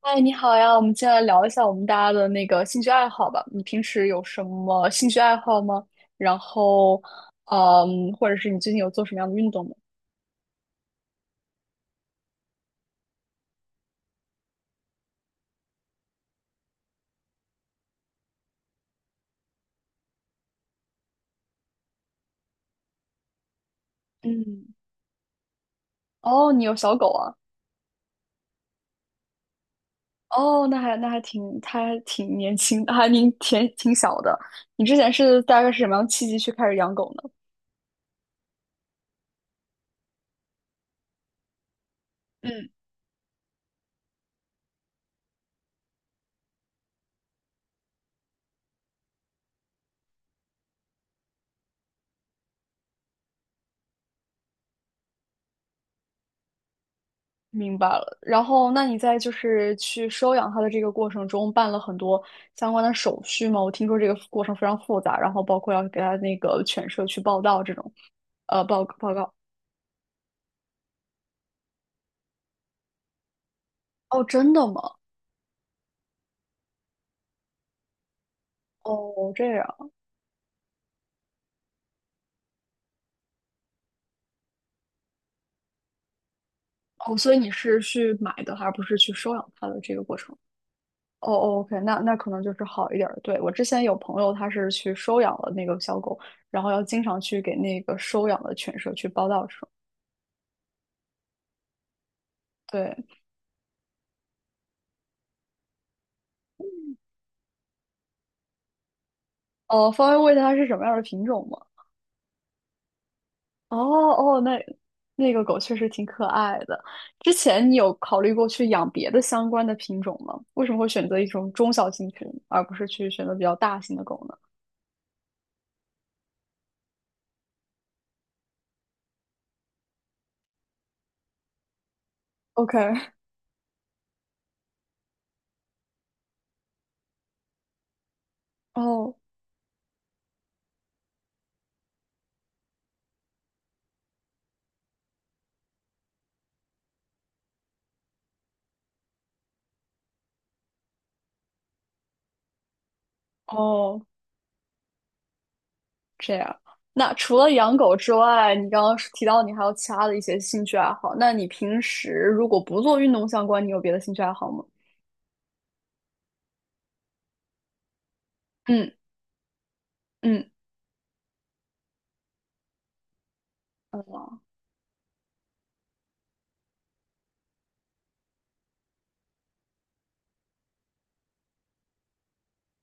嗨，你好呀，我们接下来聊一下我们大家的那个兴趣爱好吧。你平时有什么兴趣爱好吗？然后，或者是你最近有做什么样的运动吗？嗯，哦，你有小狗啊？哦，那还那还挺，它还挺年轻，还挺小的。你之前大概是什么样的契机去开始养狗呢？嗯。明白了。然后，那你就是去收养它的这个过程中，办了很多相关的手续吗？我听说这个过程非常复杂，然后包括要给它那个犬舍去报到这种，报告。哦，真的吗？哦，这样。哦，所以你是去买的，而不是去收养它的这个过程？哦哦，OK，那那可能就是好一点儿。对，我之前有朋友，他是去收养了那个小狗，然后要经常去给那个收养的犬舍去报到这种。对，哦，方便问一下它是什么样的品种吗？哦哦，那那个狗确实挺可爱的。之前你有考虑过去养别的相关的品种吗？为什么会选择一种中小型品，而不是去选择比较大型的狗呢？OK，哦哦，这样。那除了养狗之外，你刚刚是提到你还有其他的一些兴趣爱好。那你平时如果不做运动相关，你有别的兴趣爱好吗？嗯嗯，哦，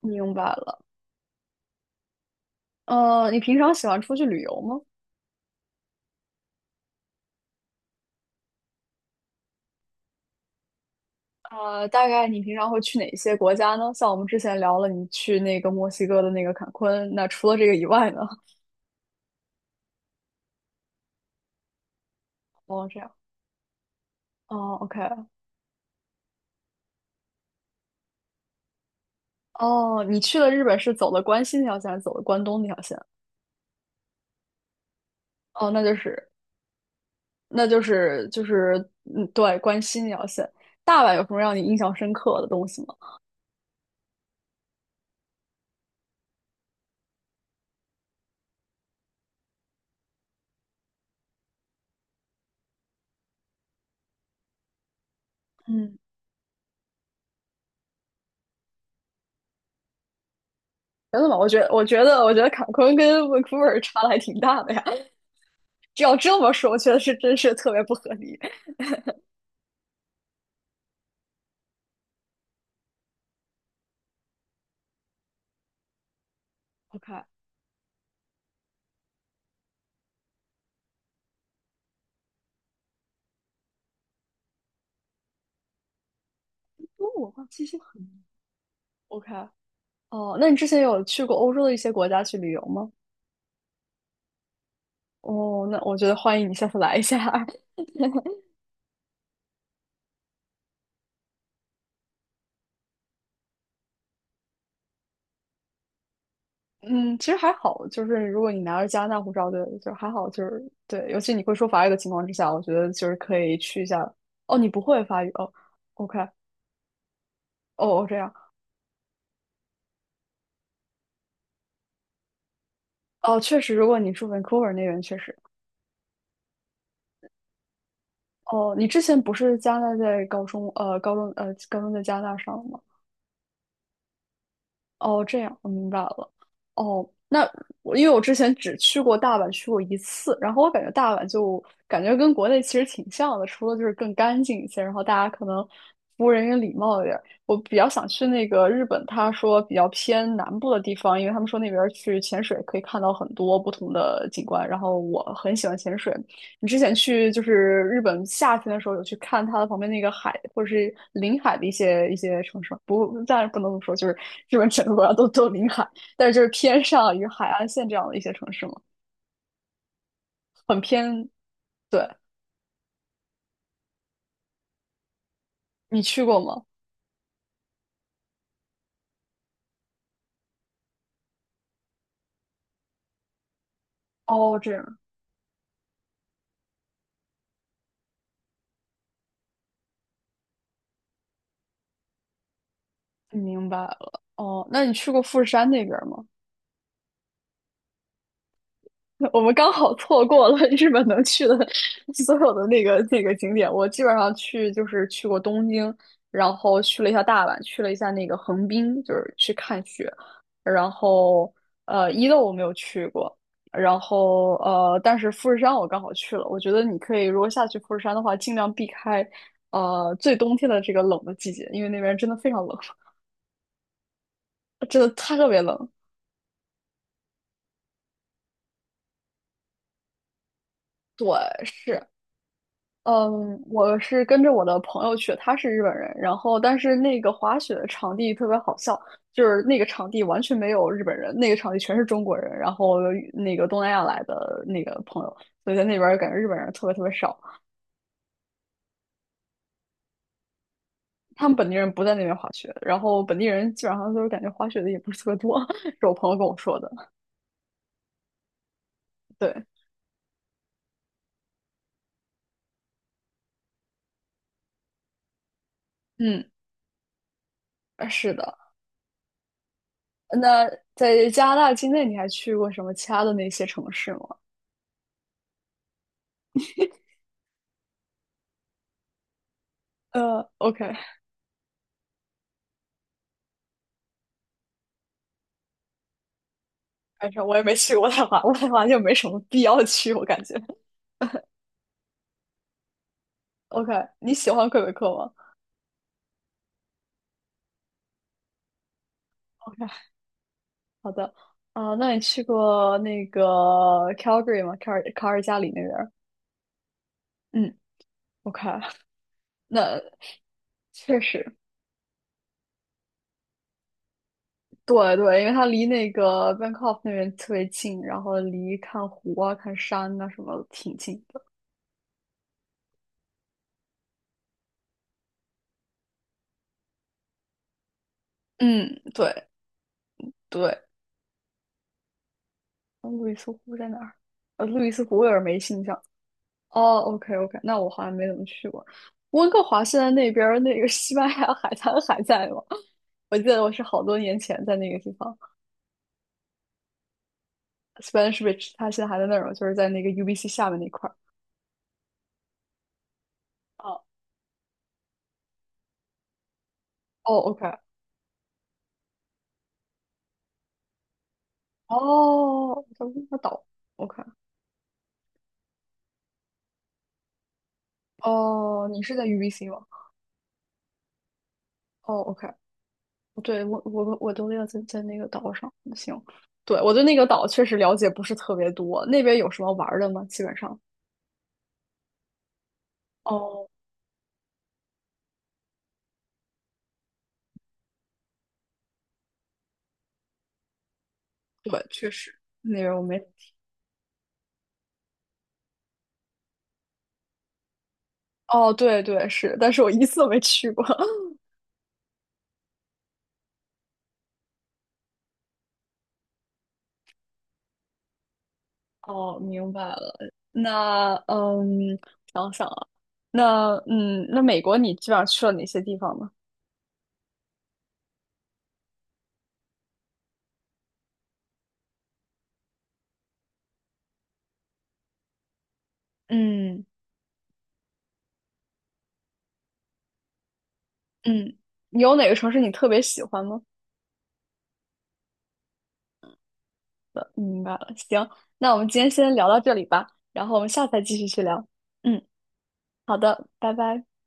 明白了。呃，你平常喜欢出去旅游吗？呃，大概你平常会去哪些国家呢？像我们之前聊了，你去那个墨西哥的那个坎昆，那除了这个以外呢？哦，这样。哦，OK。哦，你去了日本是走的关西那条线，还是走的关东那条线？哦，那就是嗯，对，关西那条线。大阪有什么让你印象深刻的东西吗？嗯，真的吗？我觉得坎昆跟温库尔差的还挺大的呀。这要这么说，我觉得是真是特别不合理。OK。因为我其实很 OK，哦，那你之前有去过欧洲的一些国家去旅游吗？哦，那我觉得欢迎你下次来一下。嗯，其实还好，就是如果你拿着加拿大护照的，就还好，就是对，尤其你会说法语的情况之下，我觉得就是可以去一下。哦，你不会法语哦，OK，哦哦这样，哦确实，如果你住 Vancouver 那边确实，哦，你之前不是加拿大在高中，高中在加拿大上的吗？哦，这样，我明白了。哦，那我因为我之前只去过大阪，去过一次，然后我感觉大阪就感觉跟国内其实挺像的，除了就是更干净一些，然后大家可能服务人员礼貌一点儿。我比较想去那个日本，他说比较偏南部的地方，因为他们说那边儿去潜水可以看到很多不同的景观，然后我很喜欢潜水，你之前去就是日本夏天的时候，有去看它的旁边那个海或者是临海的一些城市吗？不，当然不能这么说，就是日本整个国家都临海，但是就是偏上与海岸线这样的一些城市嘛，很偏。对，你去过吗？哦，这样，明白了。哦，那你去过富士山那边吗？我们刚好错过了日本能去的所有的那个景点。我基本上去就是去过东京，然后去了一下大阪，去了一下那个横滨，就是去看雪。然后呃，伊豆我没有去过，然后呃，但是富士山我刚好去了。我觉得你可以如果下去富士山的话，尽量避开呃最冬天的这个冷的季节，因为那边真的非常冷，真的特别冷。对，是。嗯，我是跟着我的朋友去，他是日本人，然后但是那个滑雪的场地特别好笑，就是那个场地完全没有日本人，那个场地全是中国人，然后那个东南亚来的那个朋友，所以在那边儿感觉日本人特别特别少，他们本地人不在那边滑雪，然后本地人基本上都是感觉滑雪的也不是特别多，是我朋友跟我说的。对，嗯，是的。那在加拿大境内，你还去过什么其他的那些城市吗？呃，OK。反正我也没去渥太华，渥太华就没什么必要去，我感觉。OK，你喜欢魁北克吗？OK，好的。啊、那你去过那个 Calgary 吗？卡尔加里那边儿嗯，OK，那确实，对对，因为它离那个 Bangkok 那边特别近，然后离看湖啊、看山啊什么挺近的。嗯，对对。路易斯湖在哪儿？呃，路易斯湖有点没印象。哦，OK OK，那我好像没怎么去过。温哥华现在那边儿那个西班牙海滩还在吗？我记得我是好多年前在那个地方，Spanish Beach，它现在还在那儿吗？就是在那个 UBC 下面那块儿。哦，哦，OK，哦，它个岛，OK，哦，你是在 UBC 吗？哦，OK，哦对，我都要在那个岛上，行，对，我对那个岛确实了解不是特别多，那边有什么玩儿的吗？基本上，哦，对，确实那边我没。哦，对对是，但是我一次都没去过。哦，明白了。那嗯，想想啊，那嗯，那美国你基本上去了哪些地方呢？嗯嗯，你有哪个城市你特别喜欢吗？明白了，行，那我们今天先聊到这里吧，然后我们下次再继续去聊。嗯，好的，拜拜。